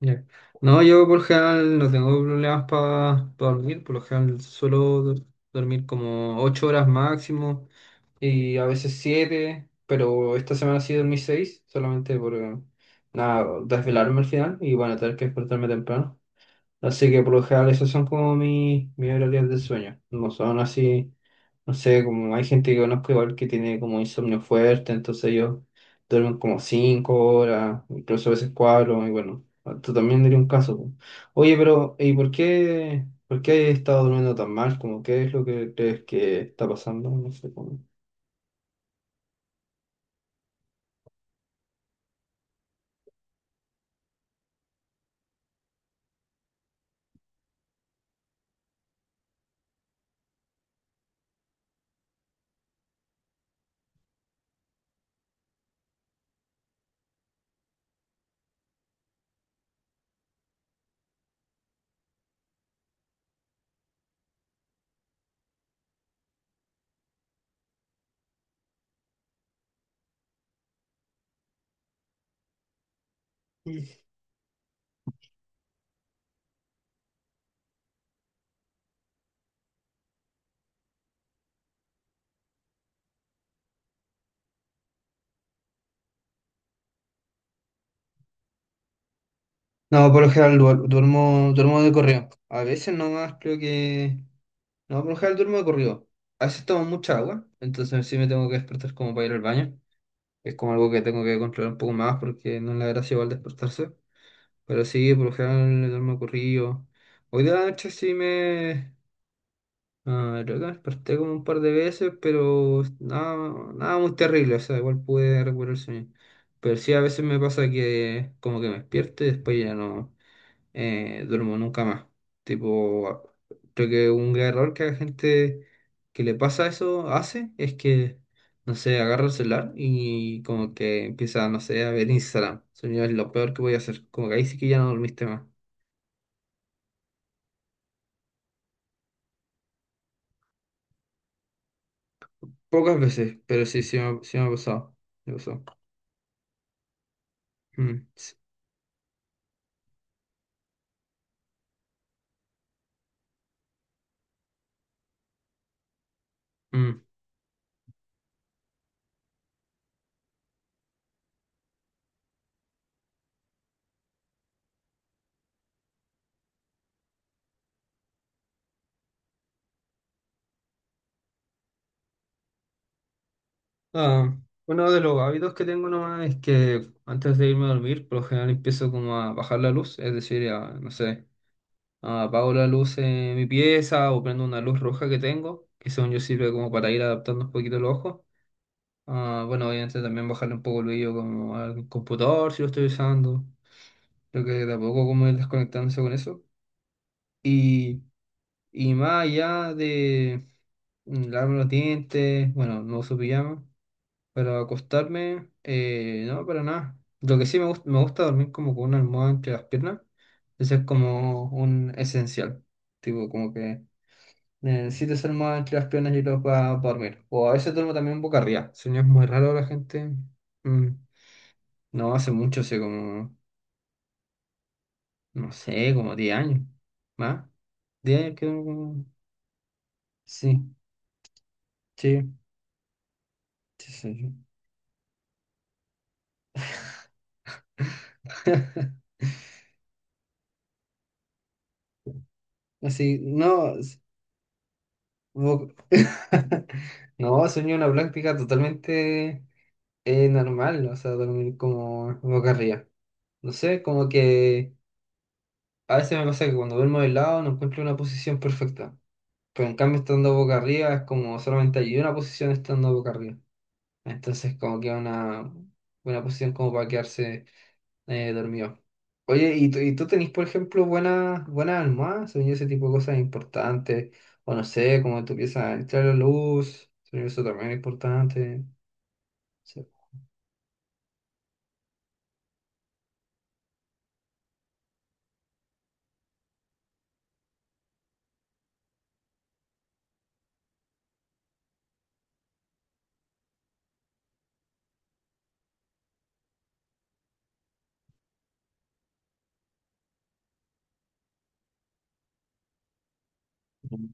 Ya. No, yo por lo general no tengo problemas para dormir, por lo general suelo dormir como 8 horas máximo y a veces siete, pero esta semana sí dormí 6 solamente por nada, desvelarme al final y bueno, tener que despertarme temprano. Así que por lo general esos son como mis horarios de sueño. No son así, no sé, como hay gente que conozco igual que tiene como insomnio fuerte, entonces ellos duermen como cinco horas, incluso a veces cuatro, y bueno, tú también diría un caso. Po. Oye, pero ¿y por qué he estado durmiendo tan mal? Como, ¿qué es lo que crees que está pasando? No sé cómo. No, por lo general duermo, duermo de corrido. A veces nomás creo que... No, por lo general duermo de corrido. A veces tomo mucha agua, entonces sí me tengo que despertar como para ir al baño. Es como algo que tengo que controlar un poco más, porque no es la gracia igual despertarse. Pero sí, por lo general duermo de corrido. Hoy de la noche sí me... Ah, creo que me desperté como un par de veces, pero nada, nada muy terrible, o sea, igual pude recuperar el sueño. Pero sí, a veces me pasa que como que me despierto y después ya no duermo nunca más. Tipo, creo que un gran error que la gente que le pasa eso hace es que, no sé, agarra el celular y como que empieza, no sé, a ver Instagram. Eso ya es lo peor que voy a hacer. Como que ahí sí que ya no dormiste más. Pocas veces, pero sí, sí me ha pasado. Me pasó. Mm, sí, mm. Ah, uno de los hábitos que tengo nomás es que antes de irme a dormir, por lo general empiezo como a bajar la luz, es decir, a, no sé. Ah, apago la luz en mi pieza o prendo una luz roja que tengo, que según yo sirve como para ir adaptando un poquito los ojos. Ah, bueno, obviamente también bajarle un poco el brillo como al computador si lo estoy usando. Creo que de a poco como ir desconectándose con eso. Y, y más allá de lavarme los dientes, bueno, no uso pijama, pero acostarme, no, para nada. Lo que sí me gusta dormir como con una almohada entre las piernas. Eso es como un esencial. Tipo, como que necesito ser más entre las piernas y los para dormir. O a veces duermo también boca arriba. Sueño es muy raro la gente. Mm. No, hace mucho, hace como, no sé, como 10 años. ¿Más? 10 años que duermo como- Sí, sí, sí, sí. Sí. Así, no. Bo- No, sueño una práctica totalmente normal. O sea, dormir como boca arriba. No sé, como que a veces me pasa que cuando duermo de lado no encuentro una posición perfecta. Pero en cambio, estando boca arriba, es como solamente hay una posición estando boca arriba. Entonces, como que una posición como para quedarse dormido. Oye, ¿y tú tenés, por ejemplo, buenas almohadas? Según yo, ese tipo de cosas importantes. O no sé, como tú empiezas a entrar la luz. Según yo, eso también es importante. Sí. Mm.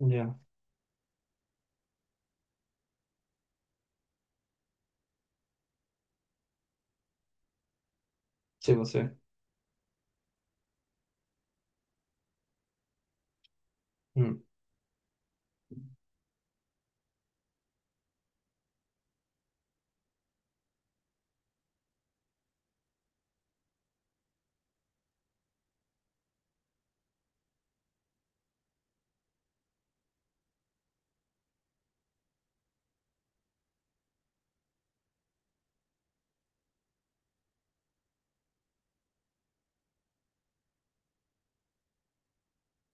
Ya, sí, pues sí. Mm,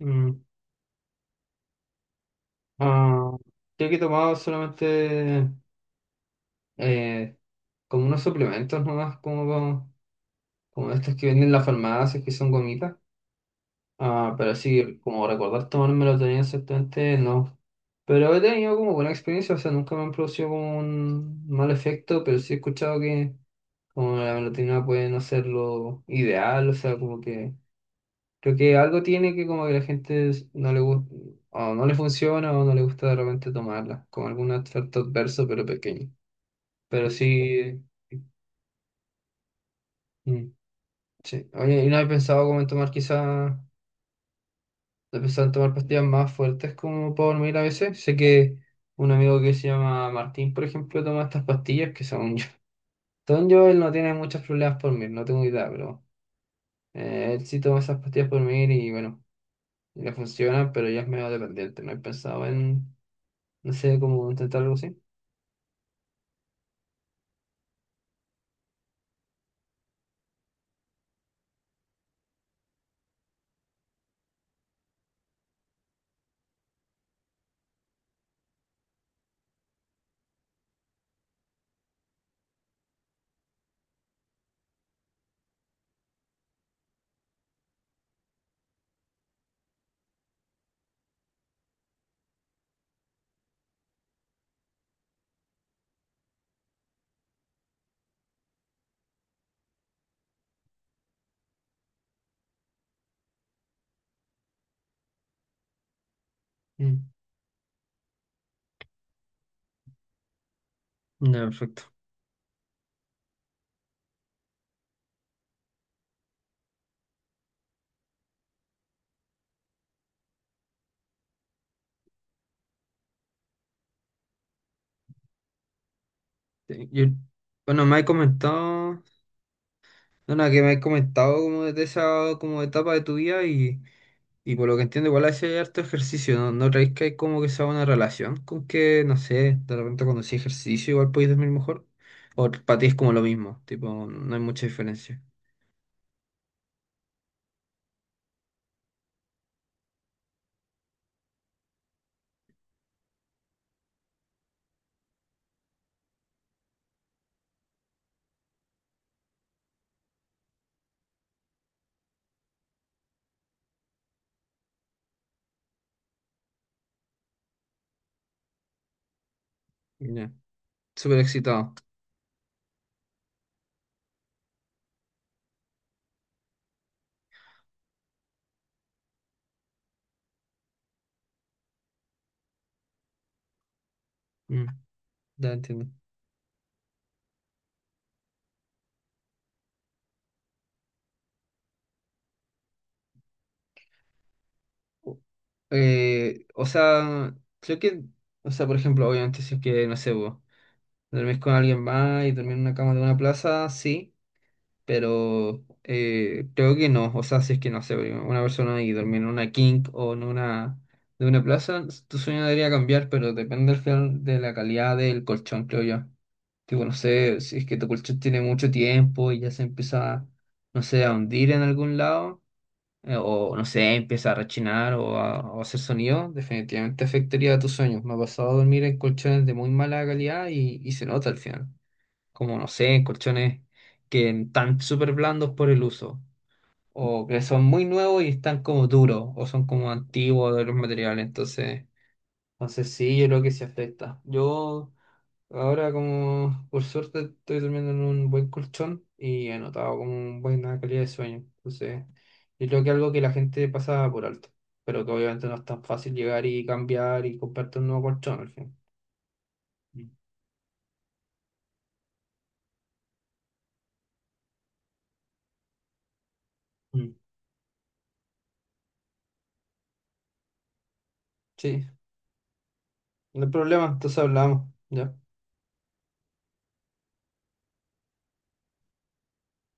mm. Ah, creo que he tomado solamente eh, como unos suplementos nomás, como, como estas que venden en la farmacia, que son gomitas. Ah, pero sí, como recordar tomármelo tenía exactamente, no. Pero he tenido como buena experiencia, o sea, nunca me han producido como un mal efecto, pero sí he escuchado que como la melatonina puede no ser lo ideal, o sea, como que creo que algo tiene que como que no le gusta, o no le funciona, o no le gusta de repente tomarla, como algún efecto adverso, pero pequeño. Pero sí, mm, sí. Oye, ¿y no he pensado como en tomar quizás? Empezaron a tomar pastillas más fuertes como para dormir a veces. Sé que un amigo que se llama Martín, por ejemplo, toma estas pastillas que son yo. Según yo, él no tiene muchos problemas por dormir, no tengo idea, pero él sí toma esas pastillas por dormir y bueno, y le funciona, pero ya es medio dependiente. No he pensado en, no sé, cómo intentar algo así. Mm. Ya, perfecto. Sí, yo- bueno, me has comentado, no, nada, que me has comentado como de esa como etapa de tu vida y... Y por lo que entiendo, igual hace harto ejercicio, ¿no? ¿No creéis que hay como que sea una relación con que, no sé, de repente cuando hacéis ejercicio igual podéis dormir mejor? ¿O para ti es como lo mismo? Tipo, no hay mucha diferencia. Ya. Súper excitado. Mm, ya entiendo. O- o sea, creo que, o sea, por ejemplo, obviamente si es que, no sé, vos dormís con alguien más y dormir en una cama de una plaza, sí. Pero creo que no. O sea, si es que no sé, una persona y dormir en una king o en una de una plaza, tu sueño debería cambiar, pero depende al final de la calidad del colchón, creo yo. Tipo, no sé, si es que tu colchón tiene mucho tiempo y ya se empieza, no sé, a hundir en algún lado, o no sé, empieza a rechinar o o a hacer sonido, definitivamente afectaría a tus sueños. Me ha pasado a dormir en colchones de muy mala calidad y se nota al final como no sé, colchones que están súper blandos por el uso, o que son muy nuevos y están como duros, o son como antiguos de los materiales, entonces sí, yo creo que sí afecta. Yo ahora como por suerte estoy durmiendo en un buen colchón y he notado como una buena calidad de sueño, entonces yo creo que es algo que la gente pasa por alto, pero que obviamente no es tan fácil llegar y cambiar y comprarte un nuevo colchón al fin. Mm. Mm. Sí, no hay problema, entonces hablamos. ¿Ya?